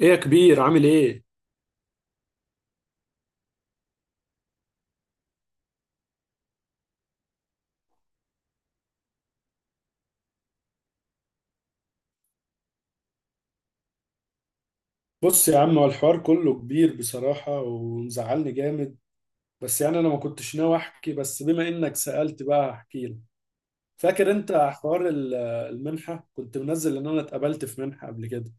ايه يا كبير، عامل ايه؟ بص يا عم، هو الحوار كله كبير بصراحة ومزعلني جامد. بس يعني أنا ما كنتش ناوي أحكي، بس بما إنك سألت بقى هحكي لك. فاكر أنت حوار المنحة، كنت منزل إن أنا اتقبلت في منحة قبل كده.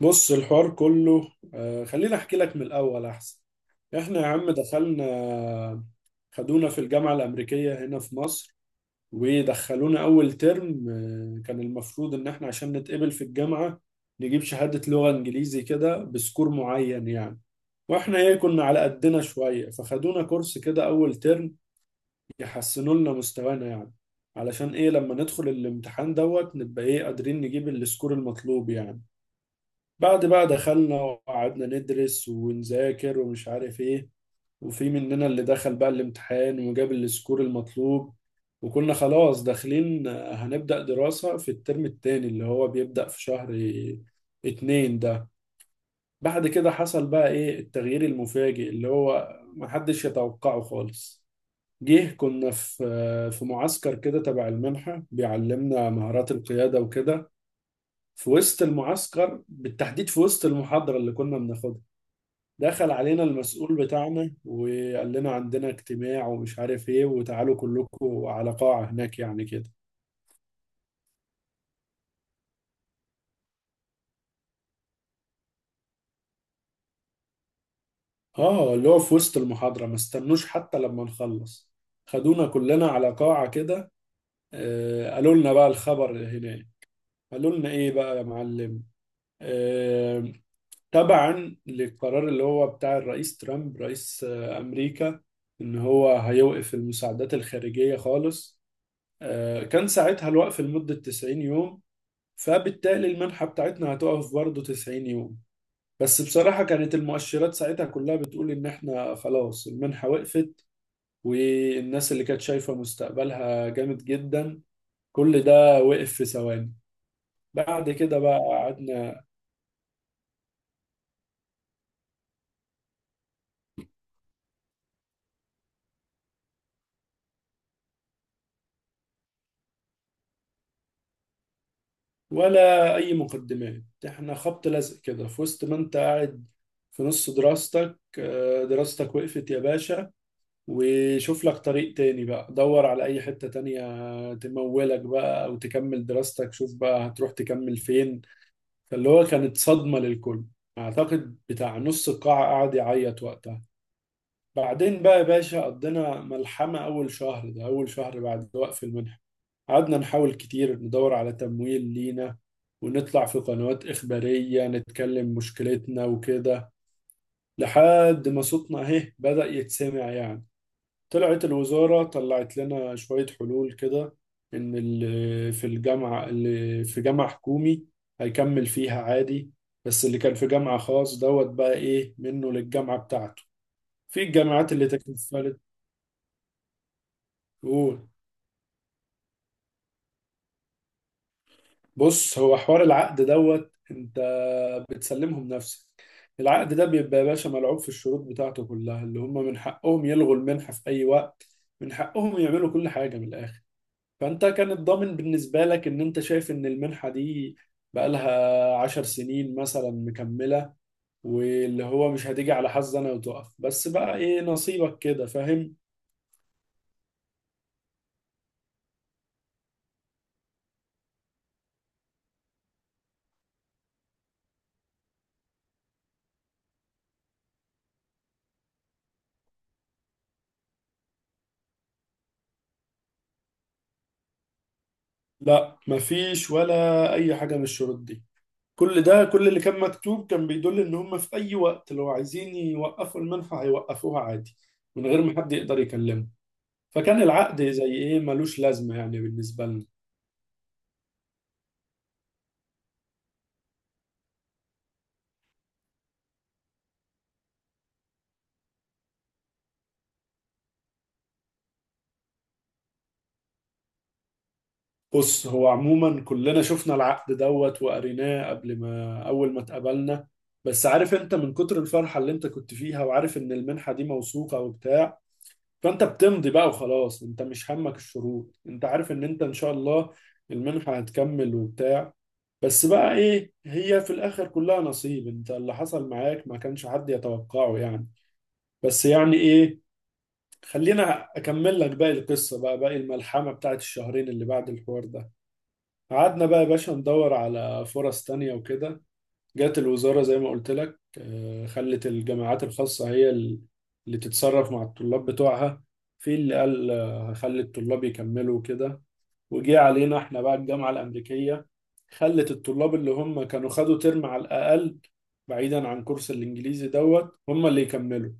بص الحوار كله خليني أحكي لك من الأول أحسن. إحنا يا عم دخلنا، خدونا في الجامعة الأمريكية هنا في مصر، ودخلونا أول ترم. كان المفروض إن إحنا عشان نتقبل في الجامعة نجيب شهادة لغة إنجليزي كده بسكور معين يعني. وإحنا كنا على قدنا شوية، فخدونا كورس كده أول ترم يحسنوا لنا مستوانا يعني. علشان لما ندخل الامتحان دوت نبقى قادرين نجيب السكور المطلوب يعني. بعد بقى دخلنا وقعدنا ندرس ونذاكر ومش عارف إيه، وفي مننا اللي دخل بقى الامتحان وجاب السكور المطلوب، وكنا خلاص داخلين هنبدأ دراسة في الترم التاني اللي هو بيبدأ في شهر اتنين ده. بعد كده حصل بقى ايه التغيير المفاجئ اللي هو محدش يتوقعه خالص. جه كنا في معسكر كده تبع المنحة بيعلمنا مهارات القيادة وكده. في وسط المعسكر بالتحديد، في وسط المحاضرة اللي كنا بناخدها، دخل علينا المسؤول بتاعنا وقال لنا عندنا اجتماع ومش عارف ايه، وتعالوا كلكم على قاعة هناك يعني كده. اه اللي هو في وسط المحاضرة، ما استنوش حتى لما نخلص. خدونا كلنا على قاعة كده. آه قالوا لنا بقى الخبر هناك. قالوا لنا ايه بقى يا معلم؟ آه، تبعا للقرار اللي هو بتاع الرئيس ترامب رئيس امريكا، ان هو هيوقف المساعدات الخارجية خالص. آه كان ساعتها الوقف لمدة 90 يوم، فبالتالي المنحة بتاعتنا هتقف برضه 90 يوم. بس بصراحة كانت المؤشرات ساعتها كلها بتقول إن إحنا خلاص المنحة وقفت، والناس اللي كانت شايفة مستقبلها جامد جدا، كل ده وقف في ثواني. بعد كده بقى قعدنا، ولا أي مقدمات، إحنا خبط لزق كده في وسط ما أنت قاعد في نص دراستك. دراستك وقفت يا باشا، وشوف لك طريق تاني بقى، دور على أي حتة تانية تمولك بقى أو تكمل دراستك، شوف بقى هتروح تكمل فين. فاللي هو كانت صدمة للكل. أعتقد بتاع نص القاعة قعد يعيط وقتها. بعدين بقى يا باشا قضينا ملحمة أول شهر ده، أول شهر بعد وقف المنحة. قعدنا نحاول كتير ندور على تمويل لينا، ونطلع في قنوات إخبارية نتكلم مشكلتنا وكده، لحد ما صوتنا أهي بدأ يتسمع يعني. طلعت الوزارة طلعت لنا شوية حلول كده، إن اللي في الجامعة اللي في جامعة حكومي هيكمل فيها عادي، بس اللي كان في جامعة خاص دوت بقى إيه منه للجامعة بتاعته في الجامعات اللي تكفلت. قول. بص هو حوار العقد دوت أنت بتسلمهم نفسك. العقد ده بيبقى يا باشا ملعوب في الشروط بتاعته كلها، اللي هم من حقهم يلغوا المنحة في أي وقت، من حقهم يعملوا كل حاجة من الآخر. فانت كان الضامن بالنسبة لك ان انت شايف ان المنحة دي بقالها عشر سنين مثلا مكملة، واللي هو مش هتيجي على حظ انا وتقف، بس بقى ايه نصيبك كده، فاهم. لا مفيش ولا اي حاجة من الشروط دي. كل ده، كل اللي كان مكتوب كان بيدل ان هم في اي وقت لو عايزين يوقفوا المنحة هيوقفوها عادي، من غير ما حد يقدر يكلمه. فكان العقد زي ايه ملوش لازمة يعني بالنسبة لنا. بص هو عموما كلنا شفنا العقد دوت وقريناه قبل ما اول ما اتقابلنا، بس عارف انت من كتر الفرحة اللي انت كنت فيها، وعارف ان المنحة دي موثوقة وبتاع، فانت بتمضي بقى وخلاص، انت مش همك الشروط، انت عارف ان انت ان شاء الله المنحة هتكمل وبتاع. بس بقى ايه، هي في الاخر كلها نصيب، انت اللي حصل معاك ما كانش حد يتوقعه يعني. بس يعني ايه، خلينا اكمل لك باقي القصة بقى، باقي الملحمة بتاعت الشهرين اللي بعد الحوار ده. قعدنا بقى يا باشا ندور على فرص تانية وكده. جات الوزارة زي ما قلت لك، خلت الجامعات الخاصة هي اللي تتصرف مع الطلاب بتوعها. في اللي قال هخلي الطلاب يكملوا كده. وجي علينا احنا بقى الجامعة الأمريكية، خلت الطلاب اللي هم كانوا خدوا ترم على الأقل بعيدا عن كورس الإنجليزي دوت، هم اللي يكملوا.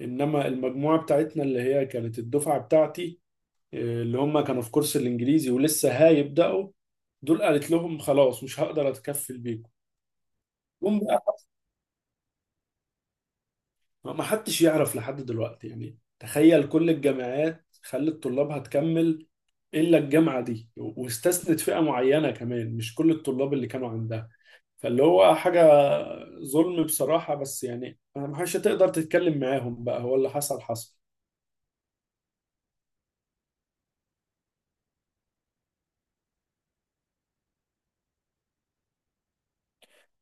إنما المجموعة بتاعتنا اللي هي كانت الدفعة بتاعتي، اللي هم كانوا في كورس الانجليزي ولسه هيبداوا، دول قالت لهم خلاص مش هقدر اتكفل بيكم. جم بقى ما حدش يعرف لحد دلوقتي يعني. تخيل كل الجامعات خلت طلابها تكمل، الا الجامعه دي، واستثنت فئه معينه كمان، مش كل الطلاب اللي كانوا عندها. فاللي هو حاجه ظلم بصراحه، بس يعني ما حدش هتقدر تتكلم معاهم، بقى هو اللي حصل حصل.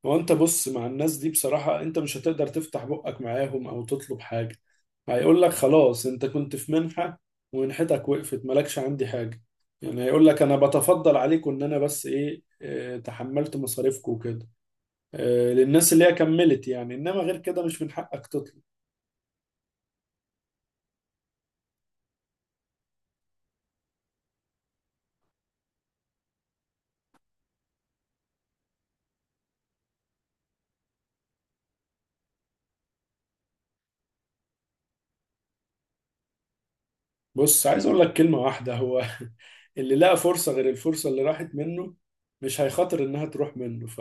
هو انت بص مع الناس دي بصراحة انت مش هتقدر تفتح بقك معاهم او تطلب حاجة، هيقول لك خلاص انت كنت في منحة، ومنحتك وقفت، مالكش عندي حاجة. يعني هيقول لك انا بتفضل عليكم ان انا بس ايه، تحملت مصاريفكم وكده، اه، للناس اللي هي كملت يعني، انما غير كده مش من حقك تطلب. بص عايز اقول لك كلمة واحدة هو اللي لقى فرصة غير الفرصة اللي راحت منه مش هيخاطر انها تروح منه. ف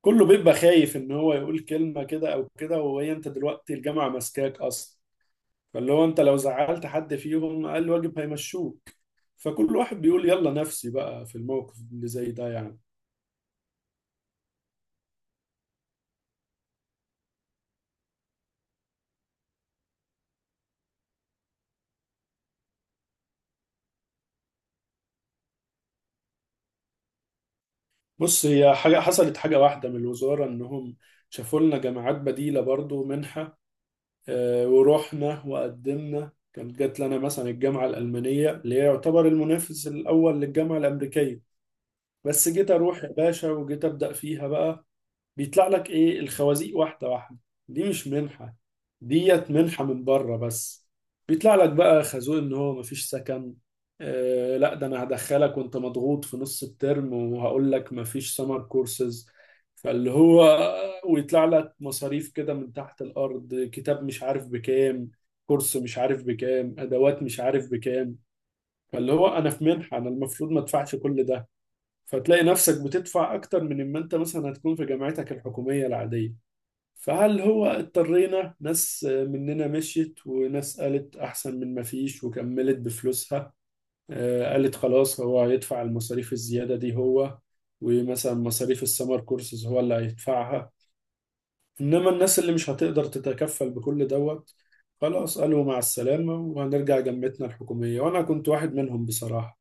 كله بيبقى خايف ان هو يقول كلمة كده او كده، وهي انت دلوقتي الجامعة ماسكاك اصلا. فاللي هو انت لو زعلت حد فيهم اقل واجب هيمشوك، فكل واحد بيقول يلا نفسي بقى في الموقف اللي زي ده يعني. بص هي حاجة حصلت، حاجة واحدة من الوزارة، انهم شافوا لنا جامعات بديلة برضو منحة. آه، ورحنا وقدمنا، كانت جات لنا مثلا الجامعة الألمانية اللي هي يعتبر المنافس الأول للجامعة الأمريكية. بس جيت أروح يا باشا وجيت أبدأ فيها بقى، بيطلع لك ايه الخوازيق واحده واحده. دي مش منحه، ديت منحه من بره بس. بيطلع لك بقى خازوق ان هو مفيش سكن. آه لا ده انا هدخلك وانت مضغوط في نص الترم وهقول لك مفيش سمر كورسز. فاللي هو ويطلع لك مصاريف كده من تحت الارض، كتاب مش عارف بكام، كورس مش عارف بكام، ادوات مش عارف بكام. فاللي هو انا في منحه انا المفروض ما ادفعش كل ده. فتلاقي نفسك بتدفع أكتر من ما أنت مثلا هتكون في جامعتك الحكومية العادية. فهل هو اضطرينا، ناس مننا مشيت، وناس قالت أحسن من ما فيش وكملت بفلوسها. آه، قالت خلاص هو هيدفع المصاريف الزيادة دي هو، ومثلا مصاريف السمر كورسز هو اللي هيدفعها. إنما الناس اللي مش هتقدر تتكفل بكل دوت، خلاص قالوا مع السلامة وهنرجع جامعتنا الحكومية، وأنا كنت واحد منهم بصراحة.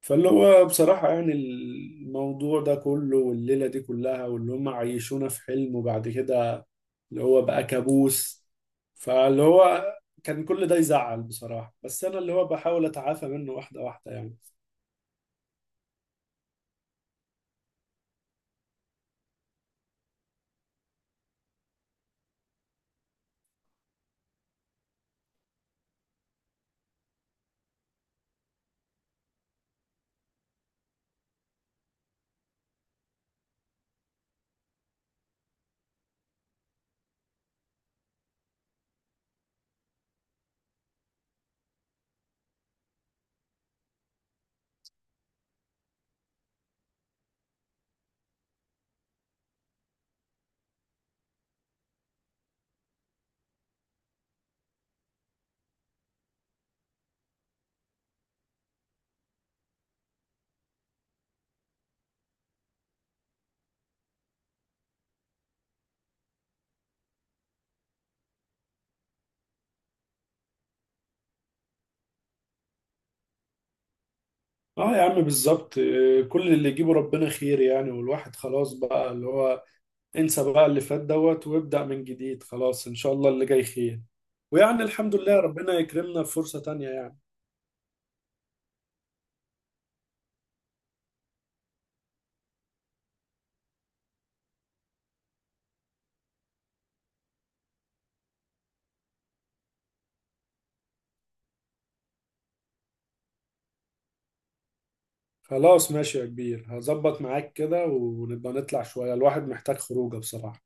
فاللي هو بصراحة يعني الموضوع ده كله، والليلة دي كلها، واللي هم عيشونا في حلم وبعد كده اللي هو بقى كابوس. فاللي هو كان كل ده يزعل بصراحة، بس أنا اللي هو بحاول أتعافى منه واحدة واحدة يعني. اه يا عم بالظبط. كل اللي يجيبه ربنا خير يعني، والواحد خلاص بقى اللي هو انسى بقى اللي فات دوت وابدأ من جديد، خلاص إن شاء الله اللي جاي خير. ويعني الحمد لله ربنا يكرمنا في فرصة تانية يعني. خلاص ماشي يا كبير، هظبط معاك كده ونبقى نطلع شوية، الواحد محتاج خروجه بصراحة.